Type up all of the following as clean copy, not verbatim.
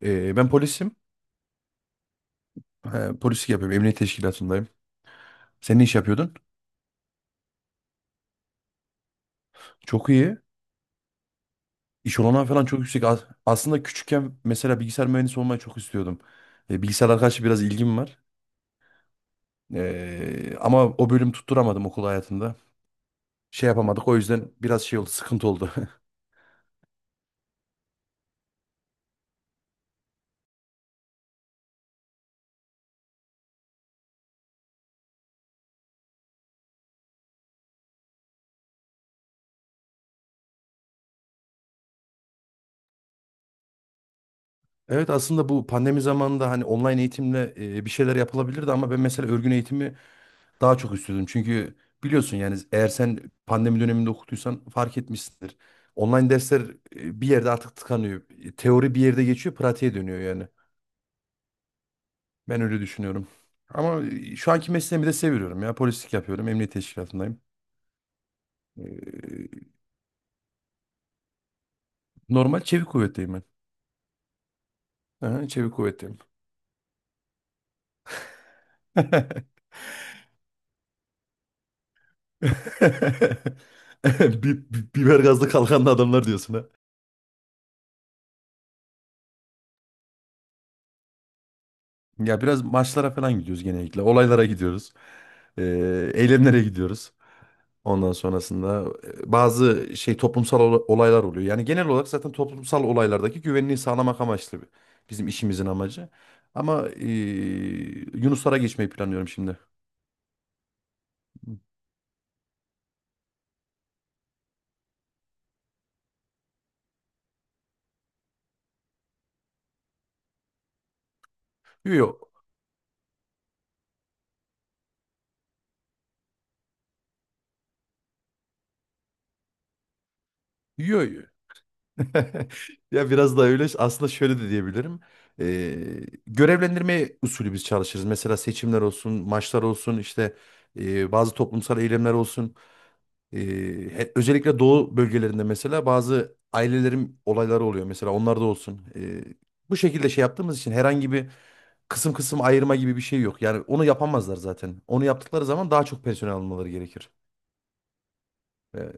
Ben polisim. Polislik yapıyorum. Emniyet teşkilatındayım. Sen ne iş yapıyordun? Çok iyi. İş olanağı falan çok yüksek. Aslında küçükken mesela bilgisayar mühendisi olmayı çok istiyordum. Bilgisayarlara karşı biraz ilgim var. Ama o bölüm tutturamadım okul hayatında. Şey yapamadık. O yüzden biraz şey oldu, sıkıntı oldu. Evet, aslında bu pandemi zamanında hani online eğitimle bir şeyler yapılabilirdi ama ben mesela örgün eğitimi daha çok istiyordum çünkü biliyorsun yani eğer sen pandemi döneminde okutuysan fark etmişsindir. Online dersler bir yerde artık tıkanıyor. Teori bir yerde geçiyor, pratiğe dönüyor yani. Ben öyle düşünüyorum. Ama şu anki mesleğimi de seviyorum ya. Polislik yapıyorum, emniyet teşkilatındayım. E, Normal çevik kuvvetteyim ben. Aha, çevik kuvvetteyim. Biber gazlı kalkanlı adamlar diyorsun ha. Ya, biraz maçlara falan gidiyoruz genellikle. Olaylara gidiyoruz. Eylemlere gidiyoruz. Ondan sonrasında bazı şey toplumsal olaylar oluyor. Yani genel olarak zaten toplumsal olaylardaki güvenliği sağlamak amaçlı bizim işimizin amacı. Ama Yunuslara geçmeyi planlıyorum şimdi. Yo, yo, yo. Ya, biraz da öyle aslında, şöyle de diyebilirim. Görevlendirme usulü biz çalışırız. Mesela seçimler olsun, maçlar olsun, işte bazı toplumsal eylemler olsun. Ee, Özellikle doğu bölgelerinde mesela bazı ailelerin olayları oluyor. Mesela onlarda olsun. Bu şekilde şey yaptığımız için herhangi bir kısım kısım ayırma gibi bir şey yok. Yani onu yapamazlar zaten. Onu yaptıkları zaman daha çok personel almaları gerekir. Ee,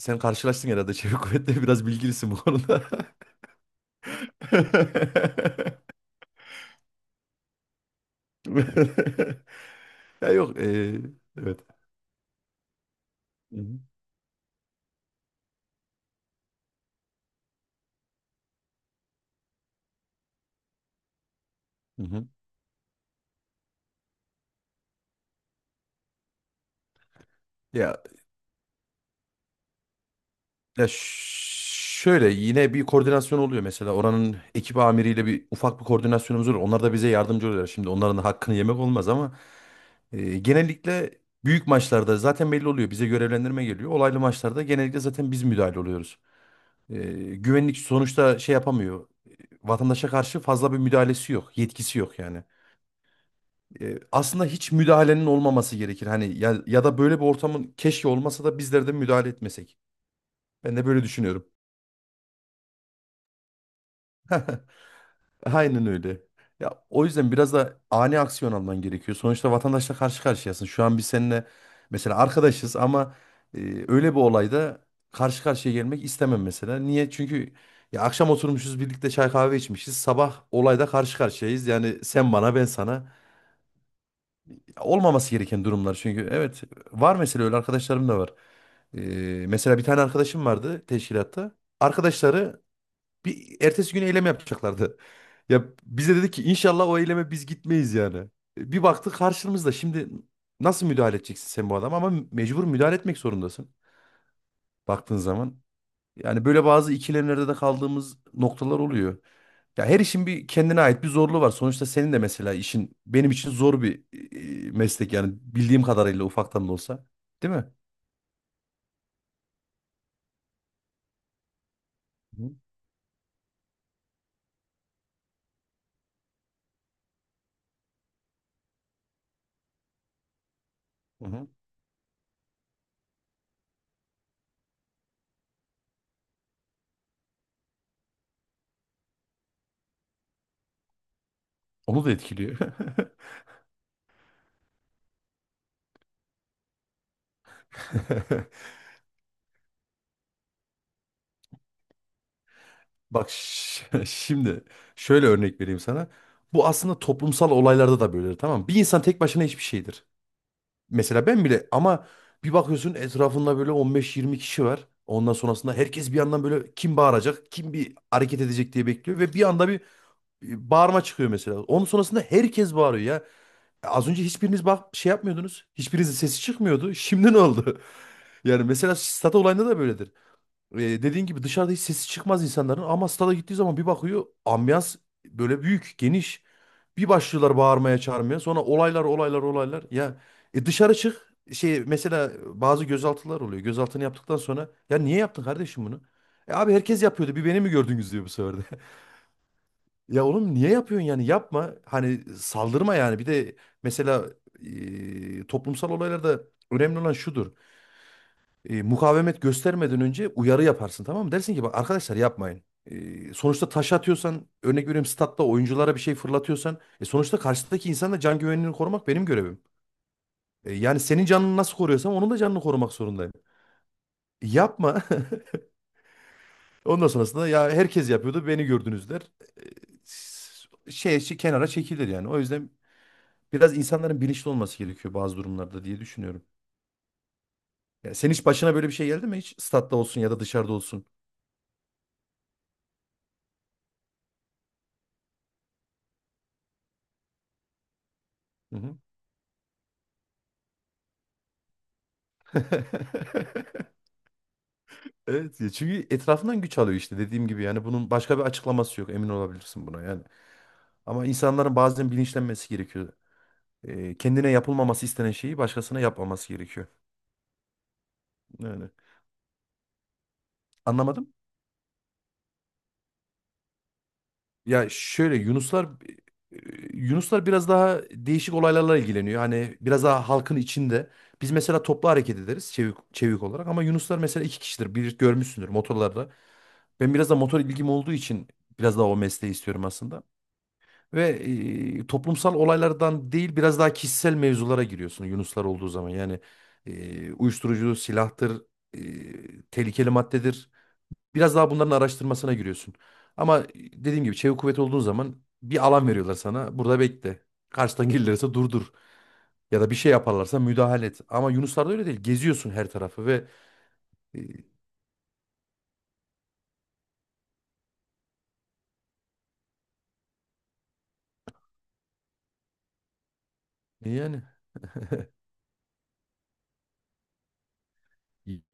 Sen karşılaştın herhalde, çevik kuvvetleri biraz bilgilisin bu konuda. Ya, yok. Evet. Hı hı. Hı hı. Ya Ya ş- Şöyle, yine bir koordinasyon oluyor mesela oranın ekip amiriyle, bir ufak bir koordinasyonumuz olur. Onlar da bize yardımcı oluyorlar. Şimdi onların da hakkını yemek olmaz ama genellikle büyük maçlarda zaten belli oluyor. Bize görevlendirme geliyor. Olaylı maçlarda genellikle zaten biz müdahale oluyoruz. E, Güvenlik sonuçta şey yapamıyor. Vatandaşa karşı fazla bir müdahalesi yok, yetkisi yok yani. Aslında hiç müdahalenin olmaması gerekir. Hani ya, ya da böyle bir ortamın keşke olmasa da bizler de müdahale etmesek. Ben de böyle düşünüyorum. Aynen öyle. Ya, o yüzden biraz da ani aksiyon alman gerekiyor. Sonuçta vatandaşla karşı karşıyasın. Şu an biz seninle mesela arkadaşız ama öyle bir olayda karşı karşıya gelmek istemem mesela. Niye? Çünkü ya, akşam oturmuşuz birlikte çay kahve içmişiz, sabah olayda karşı karşıyayız. Yani sen bana, ben sana. Olmaması gereken durumlar çünkü. Evet, var mesela öyle arkadaşlarım da var. Mesela bir tane arkadaşım vardı teşkilatta. Arkadaşları bir ertesi gün eylem yapacaklardı. Ya, bize dedi ki inşallah o eyleme biz gitmeyiz yani. Bir baktık karşımızda, şimdi nasıl müdahale edeceksin sen bu adama, ama mecbur müdahale etmek zorundasın baktığın zaman. Yani böyle bazı ikilemlerde de kaldığımız noktalar oluyor. Ya, her işin bir kendine ait bir zorluğu var. Sonuçta senin de mesela işin benim için zor bir meslek, yani bildiğim kadarıyla ufaktan da olsa. Değil mi? Hı hı. Onu da etkiliyor. Bak, şimdi şöyle örnek vereyim sana. Bu aslında toplumsal olaylarda da böyledir, tamam mı? Bir insan tek başına hiçbir şeydir. Mesela ben bile, ama bir bakıyorsun etrafında böyle 15-20 kişi var. Ondan sonrasında herkes bir yandan böyle kim bağıracak, kim bir hareket edecek diye bekliyor. Ve bir anda bir bağırma çıkıyor mesela. Onun sonrasında herkes bağırıyor ya. Az önce hiçbiriniz bak şey yapmıyordunuz. Hiçbirinizin sesi çıkmıyordu. Şimdi ne oldu? Yani mesela stat olayında da böyledir. Dediğin gibi dışarıda hiç sesi çıkmaz insanların, ama stada gittiği zaman bir bakıyor, ambiyans böyle büyük, geniş. Bir başlıyorlar bağırmaya, çağırmaya. Sonra olaylar, olaylar, olaylar. Ya, dışarı çık. Şey, mesela bazı gözaltılar oluyor. Gözaltını yaptıktan sonra, ya niye yaptın kardeşim bunu? Abi herkes yapıyordu. Bir beni mi gördünüz diyor bu sefer de. Ya oğlum niye yapıyorsun yani? Yapma. Hani saldırma yani. Bir de mesela toplumsal olaylarda önemli olan şudur: mukavemet göstermeden önce uyarı yaparsın, tamam mı? Dersin ki bak arkadaşlar, yapmayın. Sonuçta taş atıyorsan, örnek veriyorum, statta oyunculara bir şey fırlatıyorsan sonuçta karşıdaki insanın da can güvenliğini korumak benim görevim. Yani senin canını nasıl koruyorsam onun da canını korumak zorundayım. Yapma. Ondan sonrasında ya herkes yapıyordu, beni gördünüz der. Şey kenara çekilir yani. O yüzden biraz insanların bilinçli olması gerekiyor bazı durumlarda diye düşünüyorum. Ya sen hiç başına böyle bir şey geldi mi? Hiç statta olsun ya da dışarıda olsun. Hı hı. Evet ya, çünkü etrafından güç alıyor işte, dediğim gibi yani. Bunun başka bir açıklaması yok, emin olabilirsin buna yani. Ama insanların bazen bilinçlenmesi gerekiyor. Kendine yapılmaması istenen şeyi başkasına yapmaması gerekiyor. Yani anlamadım. Ya şöyle, e, Yunuslar biraz daha değişik olaylarla ilgileniyor. Hani biraz daha halkın içinde. Biz mesela toplu hareket ederiz, çevik olarak, ama Yunuslar mesela iki kişidir. Bir görmüşsündür motorlarda. Ben biraz da motor ilgim olduğu için biraz daha o mesleği istiyorum aslında. Ve toplumsal olaylardan değil, biraz daha kişisel mevzulara giriyorsun Yunuslar olduğu zaman. Yani uyuşturucu, silahtır, tehlikeli maddedir. Biraz daha bunların araştırmasına giriyorsun. Ama dediğim gibi çevik kuvvet olduğun zaman bir alan veriyorlar sana. Burada bekle. Karşıdan gelirlerse durdur. Ya da bir şey yaparlarsa müdahale et. Ama Yunuslarda öyle değil. Geziyorsun her tarafı ve e, yani...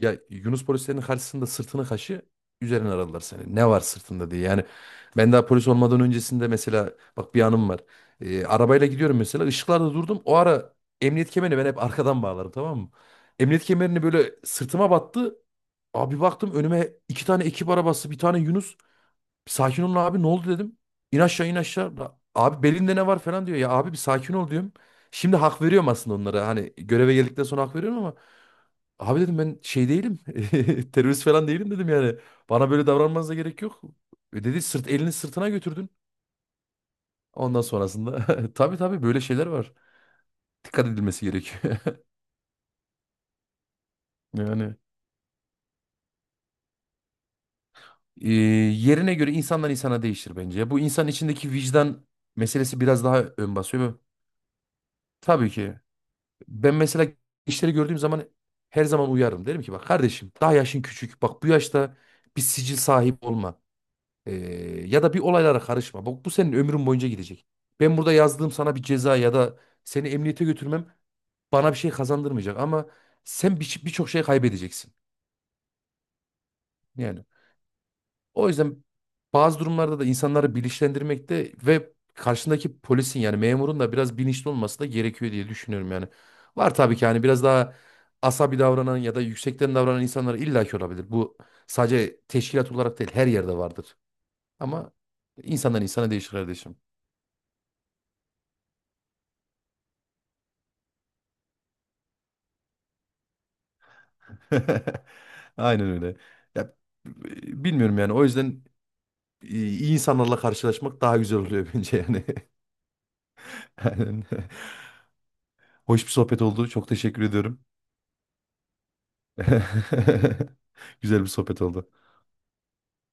Ya Yunus polislerin karşısında sırtını kaşı, üzerine aradılar seni, ne var sırtında diye. Yani ben daha polis olmadan öncesinde mesela, bak bir anım var. Arabayla gidiyorum mesela, ışıklarda durdum. O ara emniyet kemerini ben hep arkadan bağlarım, tamam mı? Emniyet kemerini böyle sırtıma battı. Abi baktım önüme iki tane ekip arabası, bir tane Yunus. Sakin olun abi, ne oldu dedim. İn aşağı, in aşağı. Abi belinde ne var falan diyor. Ya abi bir sakin ol diyorum. Şimdi hak veriyorum aslında onlara. Hani göreve geldikten sonra hak veriyorum ama. Abi dedim, ben şey değilim. Terörist falan değilim dedim yani. Bana böyle davranmanıza gerek yok. Dedi sırt, elini sırtına götürdün. Ondan sonrasında. Tabii tabii, böyle şeyler var. Dikkat edilmesi gerekiyor. Yani. Yerine göre insandan insana değişir bence. Bu insan içindeki vicdan meselesi biraz daha ön basıyor. Tabii ki. Ben mesela gençleri gördüğüm zaman her zaman uyarım. Derim ki bak kardeşim, daha yaşın küçük. Bak, bu yaşta bir sicil sahip olma. Ee, Ya da bir olaylara karışma. Bak bu senin ömrün boyunca gidecek. Ben burada yazdığım sana bir ceza ya da seni emniyete götürmem bana bir şey kazandırmayacak. Ama sen birçok şey kaybedeceksin. Yani, o yüzden bazı durumlarda da insanları bilinçlendirmekte ve karşındaki polisin, yani memurun da biraz bilinçli olması da gerekiyor diye düşünüyorum yani. Var tabii ki, hani biraz daha asabi davranan ya da yüksekten davranan insanlar illaki olabilir. Bu sadece teşkilat olarak değil, her yerde vardır. Ama insandan insana değişir kardeşim. Aynen öyle. Ya, bilmiyorum yani, o yüzden iyi insanlarla karşılaşmak daha güzel oluyor bence yani. Aynen. Hoş bir sohbet oldu. Çok teşekkür ediyorum. Güzel bir sohbet oldu.